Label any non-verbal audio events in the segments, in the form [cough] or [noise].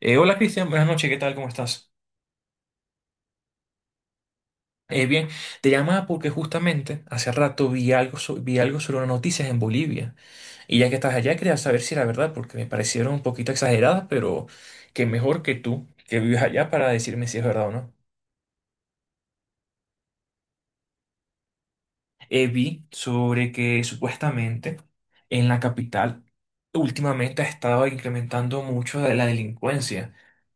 Hola Cristian, buenas noches, ¿qué tal? ¿Cómo estás? Bien, te llamaba porque justamente hace rato vi algo, vi algo sobre unas noticias en Bolivia y ya que estás allá quería saber si era verdad porque me parecieron un poquito exageradas, pero que mejor que tú que vives allá para decirme si es verdad o no. Vi sobre que supuestamente en la capital últimamente ha estado incrementando mucho la delincuencia.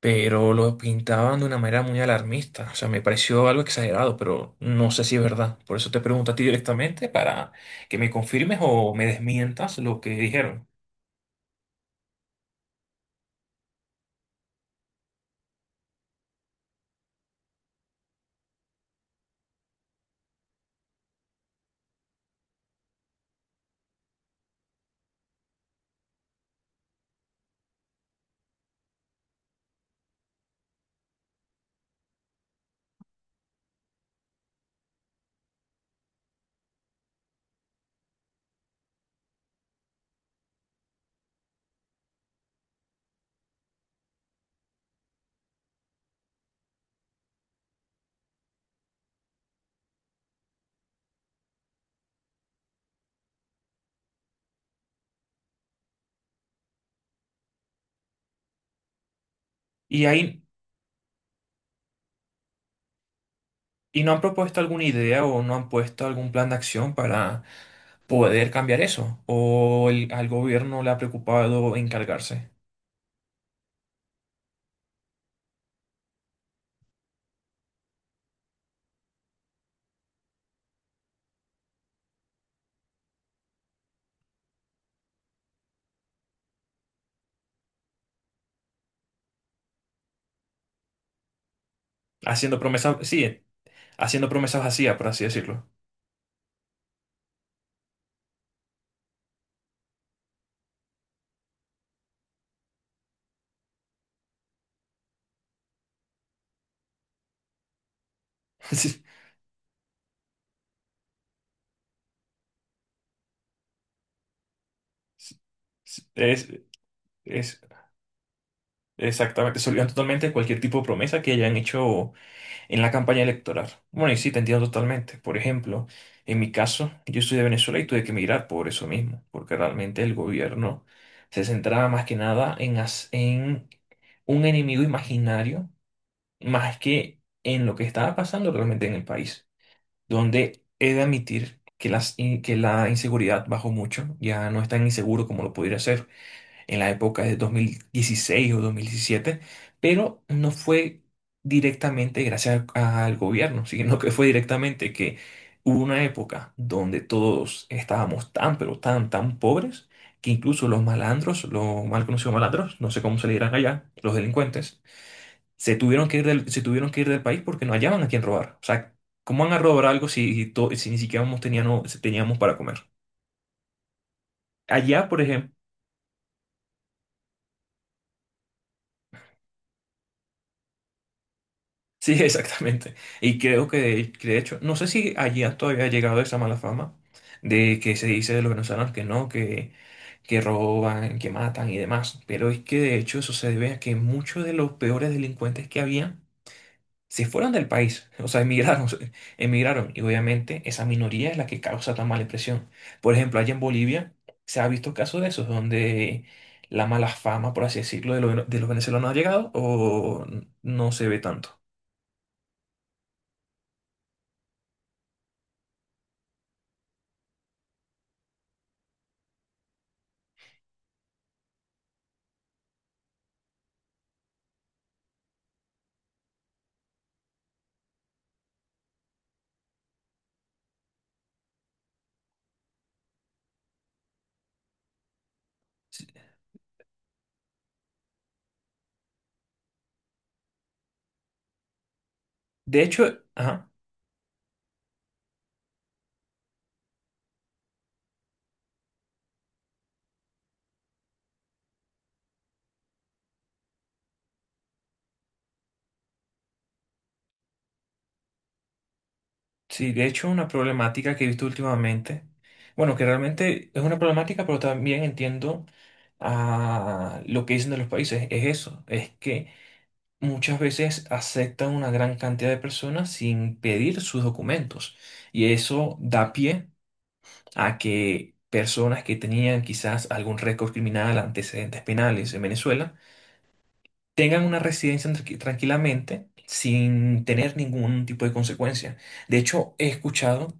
Pero lo pintaban de una manera muy alarmista. O sea, me pareció algo exagerado, pero no sé si es verdad. Por eso te pregunto a ti directamente para que me confirmes o me desmientas lo que dijeron. Y ahí, ¿y no han propuesto alguna idea o no han puesto algún plan de acción para poder cambiar eso? ¿O al gobierno le ha preocupado encargarse? Haciendo promesas, sí, haciendo promesas vacías, por así decirlo. [laughs] Sí, sí, sí. Es, es exactamente, se olvidan totalmente de cualquier tipo de promesa que hayan hecho en la campaña electoral. Bueno, y sí, te entiendo totalmente. Por ejemplo, en mi caso, yo soy de Venezuela y tuve que emigrar por eso mismo, porque realmente el gobierno se centraba más que nada en, en un enemigo imaginario, más que en lo que estaba pasando realmente en el país, donde he de admitir que, que la inseguridad bajó mucho, ya no es tan inseguro como lo pudiera ser en la época de 2016 o 2017, pero no fue directamente gracias al gobierno, [laughs] sino que fue directamente que hubo una época donde todos estábamos tan, pero tan, tan pobres, que incluso los malandros, los mal conocidos malandros, no sé cómo se le dirán allá, los delincuentes, se tuvieron que ir se tuvieron que ir del país porque no hallaban a quién robar. O sea, ¿cómo van a robar algo si, si si ni siquiera teníamos para comer? Allá, por ejemplo, sí, [laughs] exactamente. Y creo que de hecho, no sé si allí todavía ha llegado esa mala fama de que se dice de los venezolanos que no, que roban, que matan y demás. Pero es que de hecho eso se debe a que muchos de los peores delincuentes que había se fueron del país, o sea, emigraron, [laughs] emigraron. Y obviamente esa minoría es la que causa tan mala impresión. Por ejemplo, allá en Bolivia se ha visto casos de esos donde la mala fama, por así decirlo, de, de los venezolanos ha llegado o no se ve tanto. De hecho, ajá, sí, de hecho una problemática que he visto últimamente, bueno, que realmente es una problemática, pero también entiendo a lo que dicen de los países, es eso, es que muchas veces aceptan una gran cantidad de personas sin pedir sus documentos y eso da pie a que personas que tenían quizás algún récord criminal, antecedentes penales en Venezuela, tengan una residencia tranquilamente sin tener ningún tipo de consecuencia. De hecho, he escuchado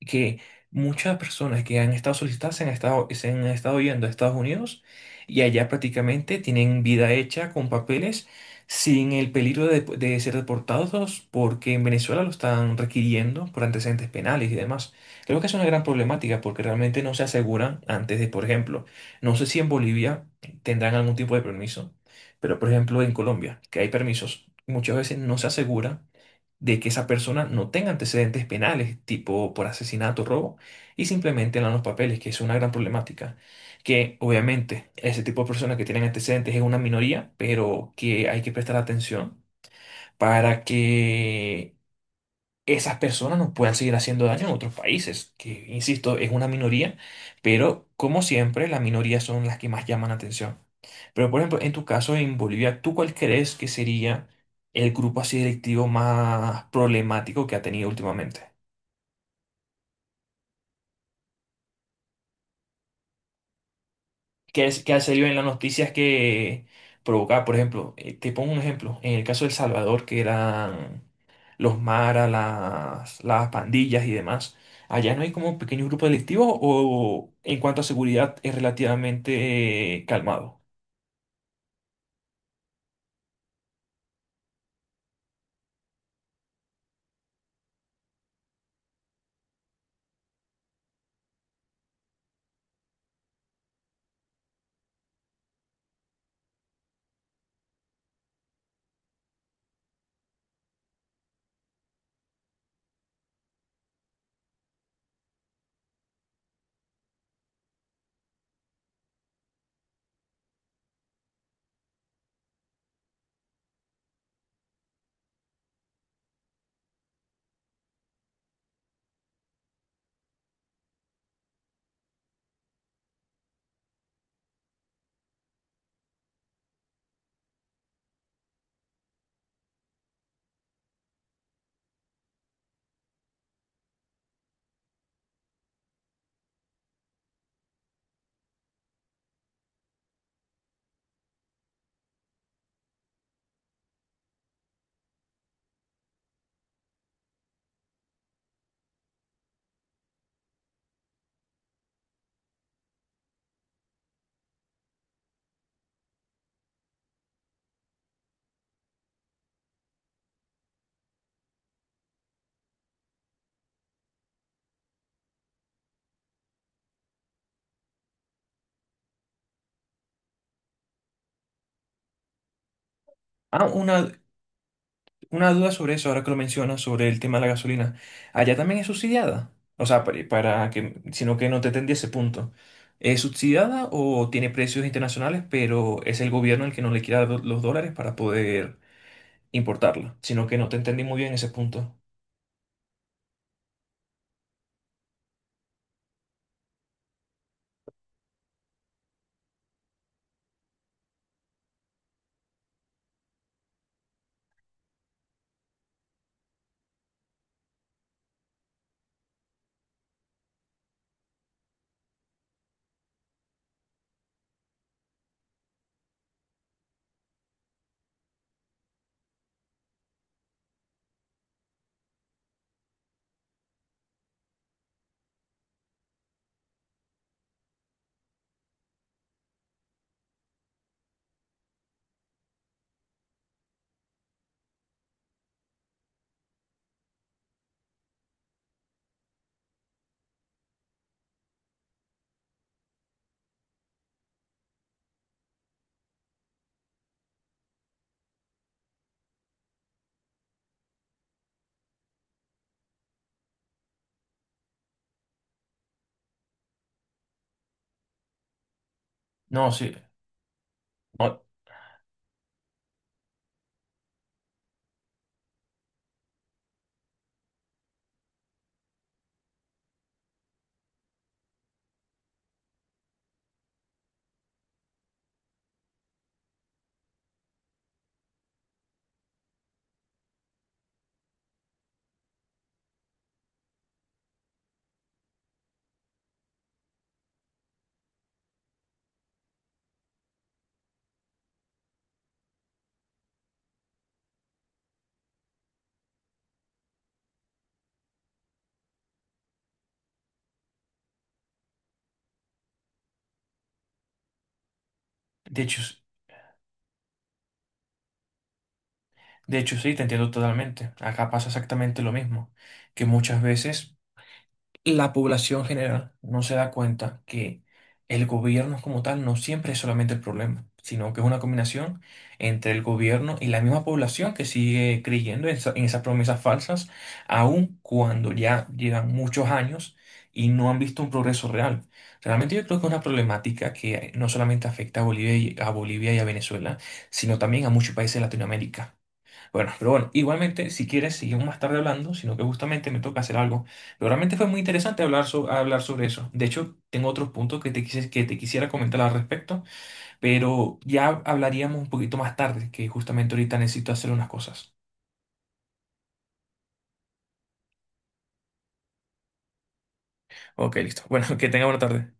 que muchas personas que han estado solicitadas se han estado yendo a Estados Unidos y allá prácticamente tienen vida hecha con papeles sin el peligro de ser deportados porque en Venezuela lo están requiriendo por antecedentes penales y demás. Creo que es una gran problemática porque realmente no se aseguran antes de, por ejemplo, no sé si en Bolivia tendrán algún tipo de permiso, pero por ejemplo en Colombia, que hay permisos, muchas veces no se aseguran de que esa persona no tenga antecedentes penales, tipo por asesinato, robo, y simplemente dan los papeles, que es una gran problemática. Que obviamente ese tipo de personas que tienen antecedentes es una minoría, pero que hay que prestar atención para que esas personas no puedan seguir haciendo daño en otros países, que insisto, es una minoría, pero como siempre, las minorías son las que más llaman la atención. Pero, por ejemplo, en tu caso en Bolivia, ¿tú cuál crees que sería el grupo así delictivo más problemático que ha tenido últimamente? Que, que ha salido en las noticias que provocaba, por ejemplo, te pongo un ejemplo, en el caso de El Salvador, que eran los maras, las pandillas y demás, ¿allá no hay como pequeños grupos delictivos o en cuanto a seguridad es relativamente calmado? Ah, una, Una duda sobre eso, ahora que lo mencionas, sobre el tema de la gasolina. ¿Allá también es subsidiada? O sea, para que, sino que no te entendí ese punto. ¿Es subsidiada o tiene precios internacionales, pero es el gobierno el que no le quiere dar los dólares para poder importarla? Sino que no te entendí muy bien ese punto. No, sí. No, de hecho, de hecho, sí, te entiendo totalmente. Acá pasa exactamente lo mismo, que muchas veces la población general no se da cuenta que el gobierno como tal no siempre es solamente el problema, sino que es una combinación entre el gobierno y la misma población que sigue creyendo en, en esas promesas falsas, aun cuando ya llevan muchos años y no han visto un progreso real. Realmente yo creo que es una problemática que no solamente afecta a Bolivia y a Bolivia y a Venezuela, sino también a muchos países de Latinoamérica. Bueno, pero bueno, igualmente, si quieres, seguimos más tarde hablando, sino que justamente me toca hacer algo. Pero realmente fue muy interesante hablar, hablar sobre eso. De hecho, tengo otros puntos que que te quisiera comentar al respecto, pero ya hablaríamos un poquito más tarde, que justamente ahorita necesito hacer unas cosas. Ok, listo. Bueno, [laughs] que tenga buena tarde.